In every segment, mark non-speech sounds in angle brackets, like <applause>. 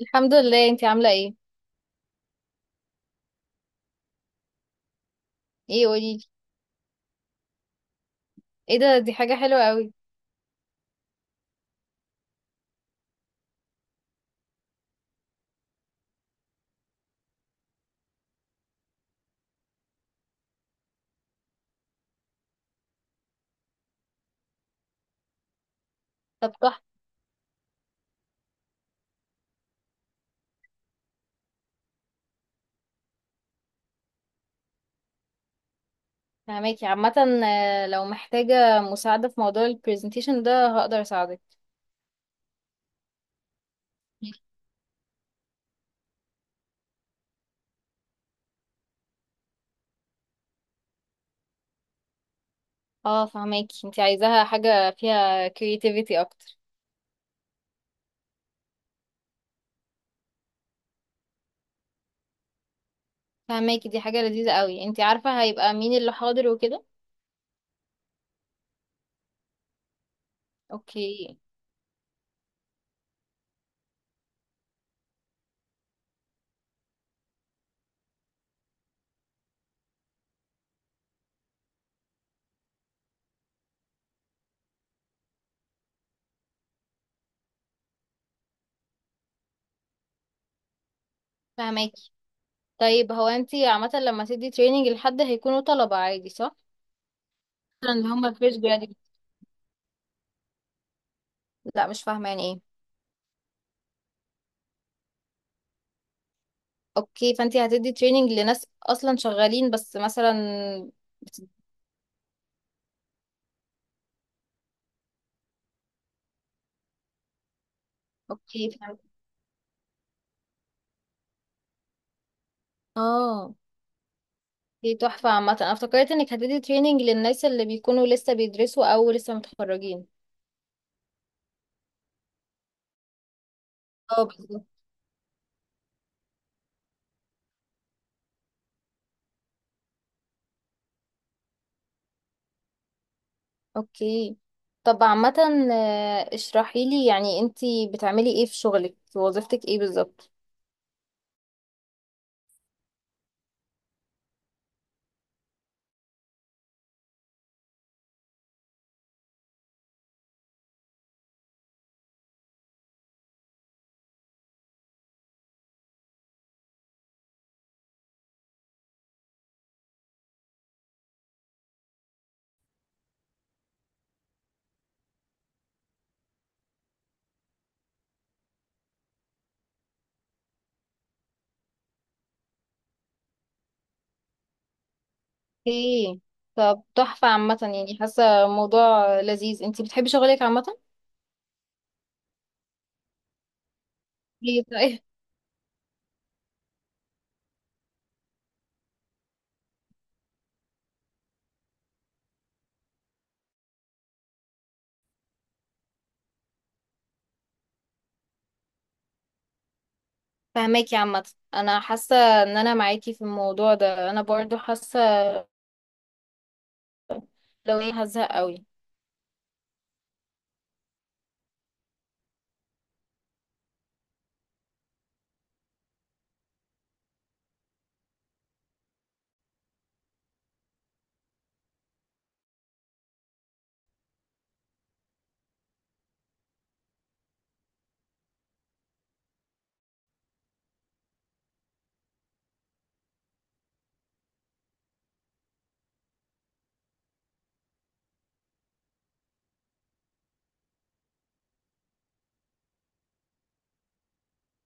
الحمد لله. انتي عاملة ايه؟ ايه قوليلي. ايه ده، دي حاجة حلوة قوي. طب تحفة. فهماكي عامة. لو محتاجة مساعدة في موضوع البرزنتيشن ده هقدر اساعدك. اه فهماكي، انتي عايزاها حاجة فيها creativity اكتر. فهماكي، دي حاجة لذيذة قوي. انتي عارفة هيبقى مين اللي حاضر وكده؟ اوكي. فهماكي. طيب هو انتي عامة لما تدي تريننج لحد هيكونوا طلبة عادي صح؟ مثلا اللي هم fresh graduate. لا مش فاهمة يعني ايه. اوكي، فانتي هتدي تريننج لناس اصلا شغالين بس مثلا. اوكي فهمت. اه. دي تحفة عامة، انا افتكرت انك هتدي تريننج للناس اللي بيكونوا لسه بيدرسوا او لسه متخرجين. اه بالظبط. اوكي. طب عامة، اشرحي لي يعني انتي بتعملي ايه في شغلك، في وظيفتك ايه بالظبط. اوكي. طب تحفة عامة، يعني حاسة موضوع لذيذ. انتي بتحبي شغلك عامة؟ <laughs> ليه طيب؟ فهماكي عامة. انا حاسة ان انا معاكي في الموضوع ده. انا برضو حاسة لو ايه هزهق قوي.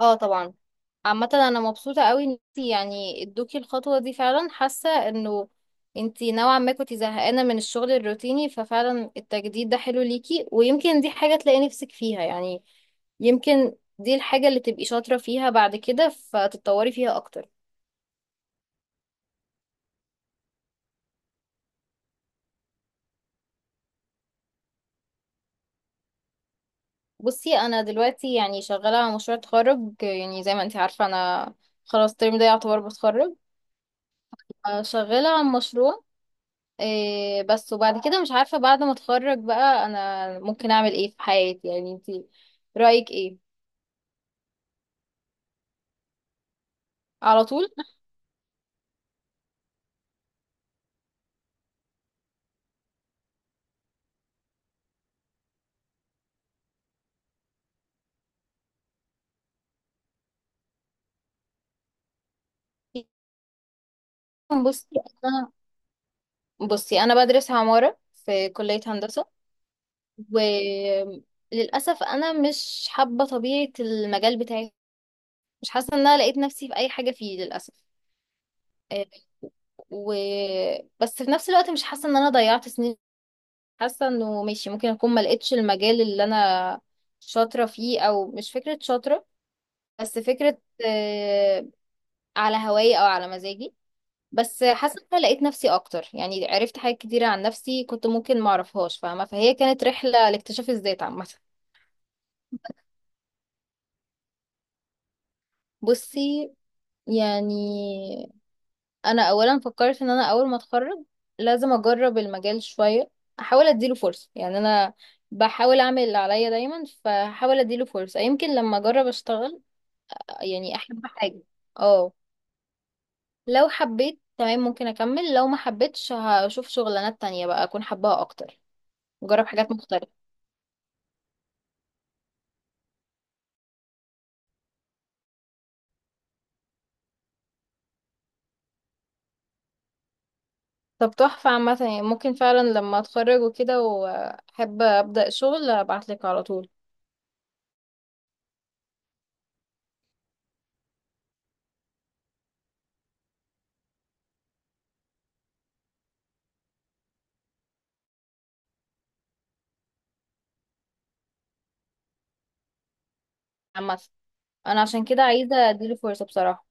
اه طبعا. عامة انا مبسوطة قوي ان انتي يعني ادوكي الخطوة دي، فعلا حاسة انه انتي نوعا ما كنتي زهقانة من الشغل الروتيني، ففعلا التجديد ده حلو ليكي، ويمكن دي حاجة تلاقي نفسك فيها يعني. يمكن دي الحاجة اللي تبقي شاطرة فيها بعد كده فتتطوري فيها أكتر. بصي، أنا دلوقتي يعني شغالة على مشروع تخرج. يعني زي ما انتي عارفة، أنا خلاص الترم ده يعتبر بتخرج. شغالة على مشروع إيه بس، وبعد كده مش عارفة بعد ما اتخرج بقى انا ممكن اعمل ايه في حياتي. يعني انتي رأيك ايه؟ على طول. بصي انا بصي انا بدرس عمارة في كلية هندسة. وللأسف انا مش حابة طبيعة المجال بتاعي، مش حاسة ان انا لقيت نفسي في اي حاجة فيه للأسف. إيه و... بس في نفس الوقت مش حاسة ان انا ضيعت سنين. حاسة انه ماشي، ممكن اكون ما لقيتش المجال اللي انا شاطرة فيه، او مش فكرة شاطرة بس فكرة، آه، على هواي او على مزاجي. بس حاسة ان انا لقيت نفسي اكتر، يعني عرفت حاجات كتيرة عن نفسي كنت ممكن ما اعرفهاش، فاهمة؟ فهي كانت رحلة لاكتشاف الذات عامة. بصي، يعني انا اولا فكرت ان انا اول ما اتخرج لازم اجرب المجال شوية، احاول اديله فرصة. يعني انا بحاول اعمل اللي عليا دايما، فحاول اديله فرصة يمكن لما اجرب اشتغل يعني احب حاجة. اه لو حبيت تمام ممكن اكمل، لو ما حبيتش هشوف شغلانات تانية بقى اكون حباها اكتر. جرب حاجات مختلفة. طب تحفة عامة، يعني ممكن فعلا لما اتخرج وكده واحب ابدأ شغل ابعتلك على طول. عامة انا عشان كده عايزة اديله فرصة بصراحة.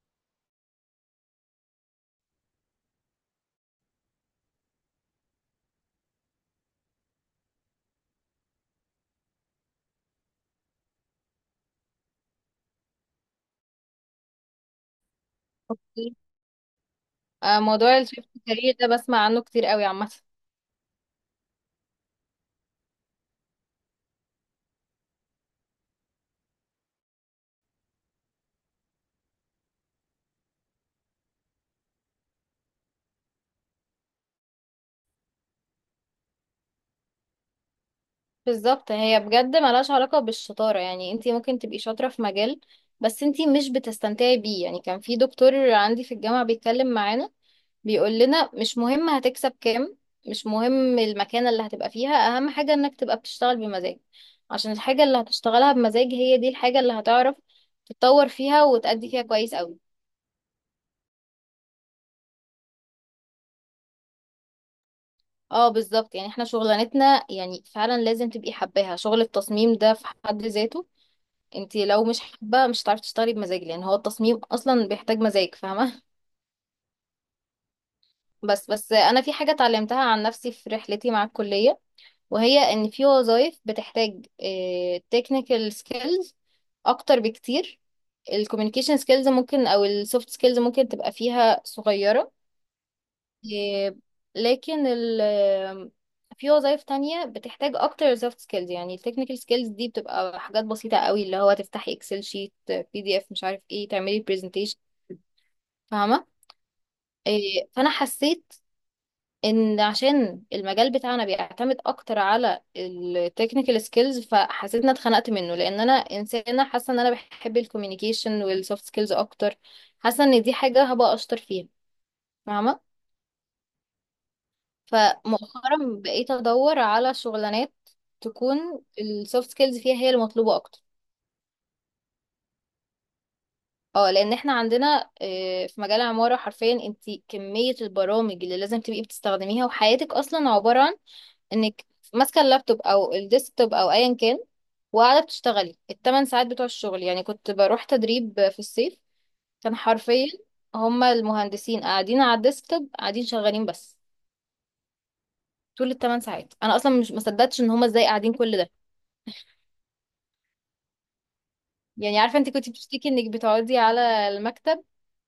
اوكي. موضوع الشيفت كارير ده بسمع عنه كتير قوي عامة. بالظبط، هي بجد ملهاش علاقة بالشطارة. يعني انتي ممكن تبقي شاطرة في مجال بس انتي مش بتستمتعي بيه. يعني كان في دكتور عندي في الجامعة بيتكلم معانا، بيقول لنا مش مهم هتكسب كام، مش مهم المكانة اللي هتبقى فيها، أهم حاجة إنك تبقى بتشتغل بمزاج. عشان الحاجة اللي هتشتغلها بمزاج هي دي الحاجة اللي هتعرف تتطور فيها وتأدي فيها كويس أوي. اه بالظبط. يعني احنا شغلانتنا يعني فعلا لازم تبقي حباها، شغل التصميم ده في حد ذاته انت لو مش حابة مش هتعرفي تشتغلي بمزاج، لأن هو التصميم أصلا بيحتاج مزاج، فاهمة؟ بس بس أنا في حاجة اتعلمتها عن نفسي في رحلتي مع الكلية، وهي ان في وظائف بتحتاج تكنيكال سكيلز اكتر بكتير، الكوميونيكيشن سكيلز ممكن او السوفت سكيلز ممكن تبقى فيها صغيرة. آه، لكن ال في وظائف تانية بتحتاج اكتر سوفت سكيلز. يعني التكنيكال سكيلز دي بتبقى حاجات بسيطة قوي، اللي هو تفتحي اكسل شيت، بي دي اف، مش عارف ايه، تعملي برزنتيشن، فاهمة؟ فانا حسيت ان عشان المجال بتاعنا بيعتمد اكتر على التكنيكال سكيلز، فحسيت ان أنا اتخنقت منه، لان انا انسانه حاسه ان انا بحب الكوميونيكيشن والسوفت سكيلز اكتر. حاسه ان دي حاجه هبقى اشطر فيها، فاهمه؟ فمؤخرا بقيت ادور على شغلانات تكون السوفت سكيلز فيها هي المطلوبه اكتر. اه لان احنا عندنا، في مجال العمارة حرفيا انت كمية البرامج اللي لازم تبقي بتستخدميها، وحياتك اصلا عبارة عن انك ماسكة اللابتوب او الديسكتوب او ايا كان، وقاعدة بتشتغلي الـ8 ساعات بتوع الشغل. يعني كنت بروح تدريب في الصيف، كان حرفيا هما المهندسين قاعدين على الديسكتوب قاعدين شغالين بس، طول الـ8 ساعات. انا اصلا مش مصدقتش ان هما ازاي قاعدين كل ده. يعني عارفة انت كنت بتشتكي انك بتقعدي على المكتب،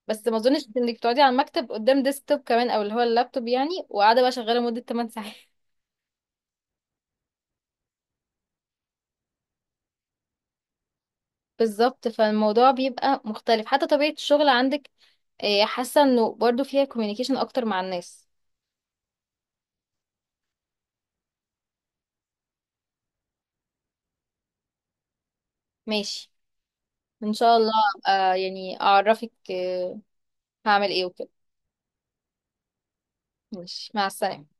بس ما اظنش انك بتقعدي على المكتب قدام ديسكتوب كمان او اللي هو اللابتوب يعني، وقاعده بقى شغاله مده 8 ساعات. <laughs> بالظبط، فالموضوع بيبقى مختلف، حتى طبيعه الشغل عندك، حاسه انه برضو فيها كوميونيكيشن اكتر مع الناس. ماشي. ان شاء الله أبقى يعني اعرفك هعمل ايه وكده. ماشي، مع السلامه.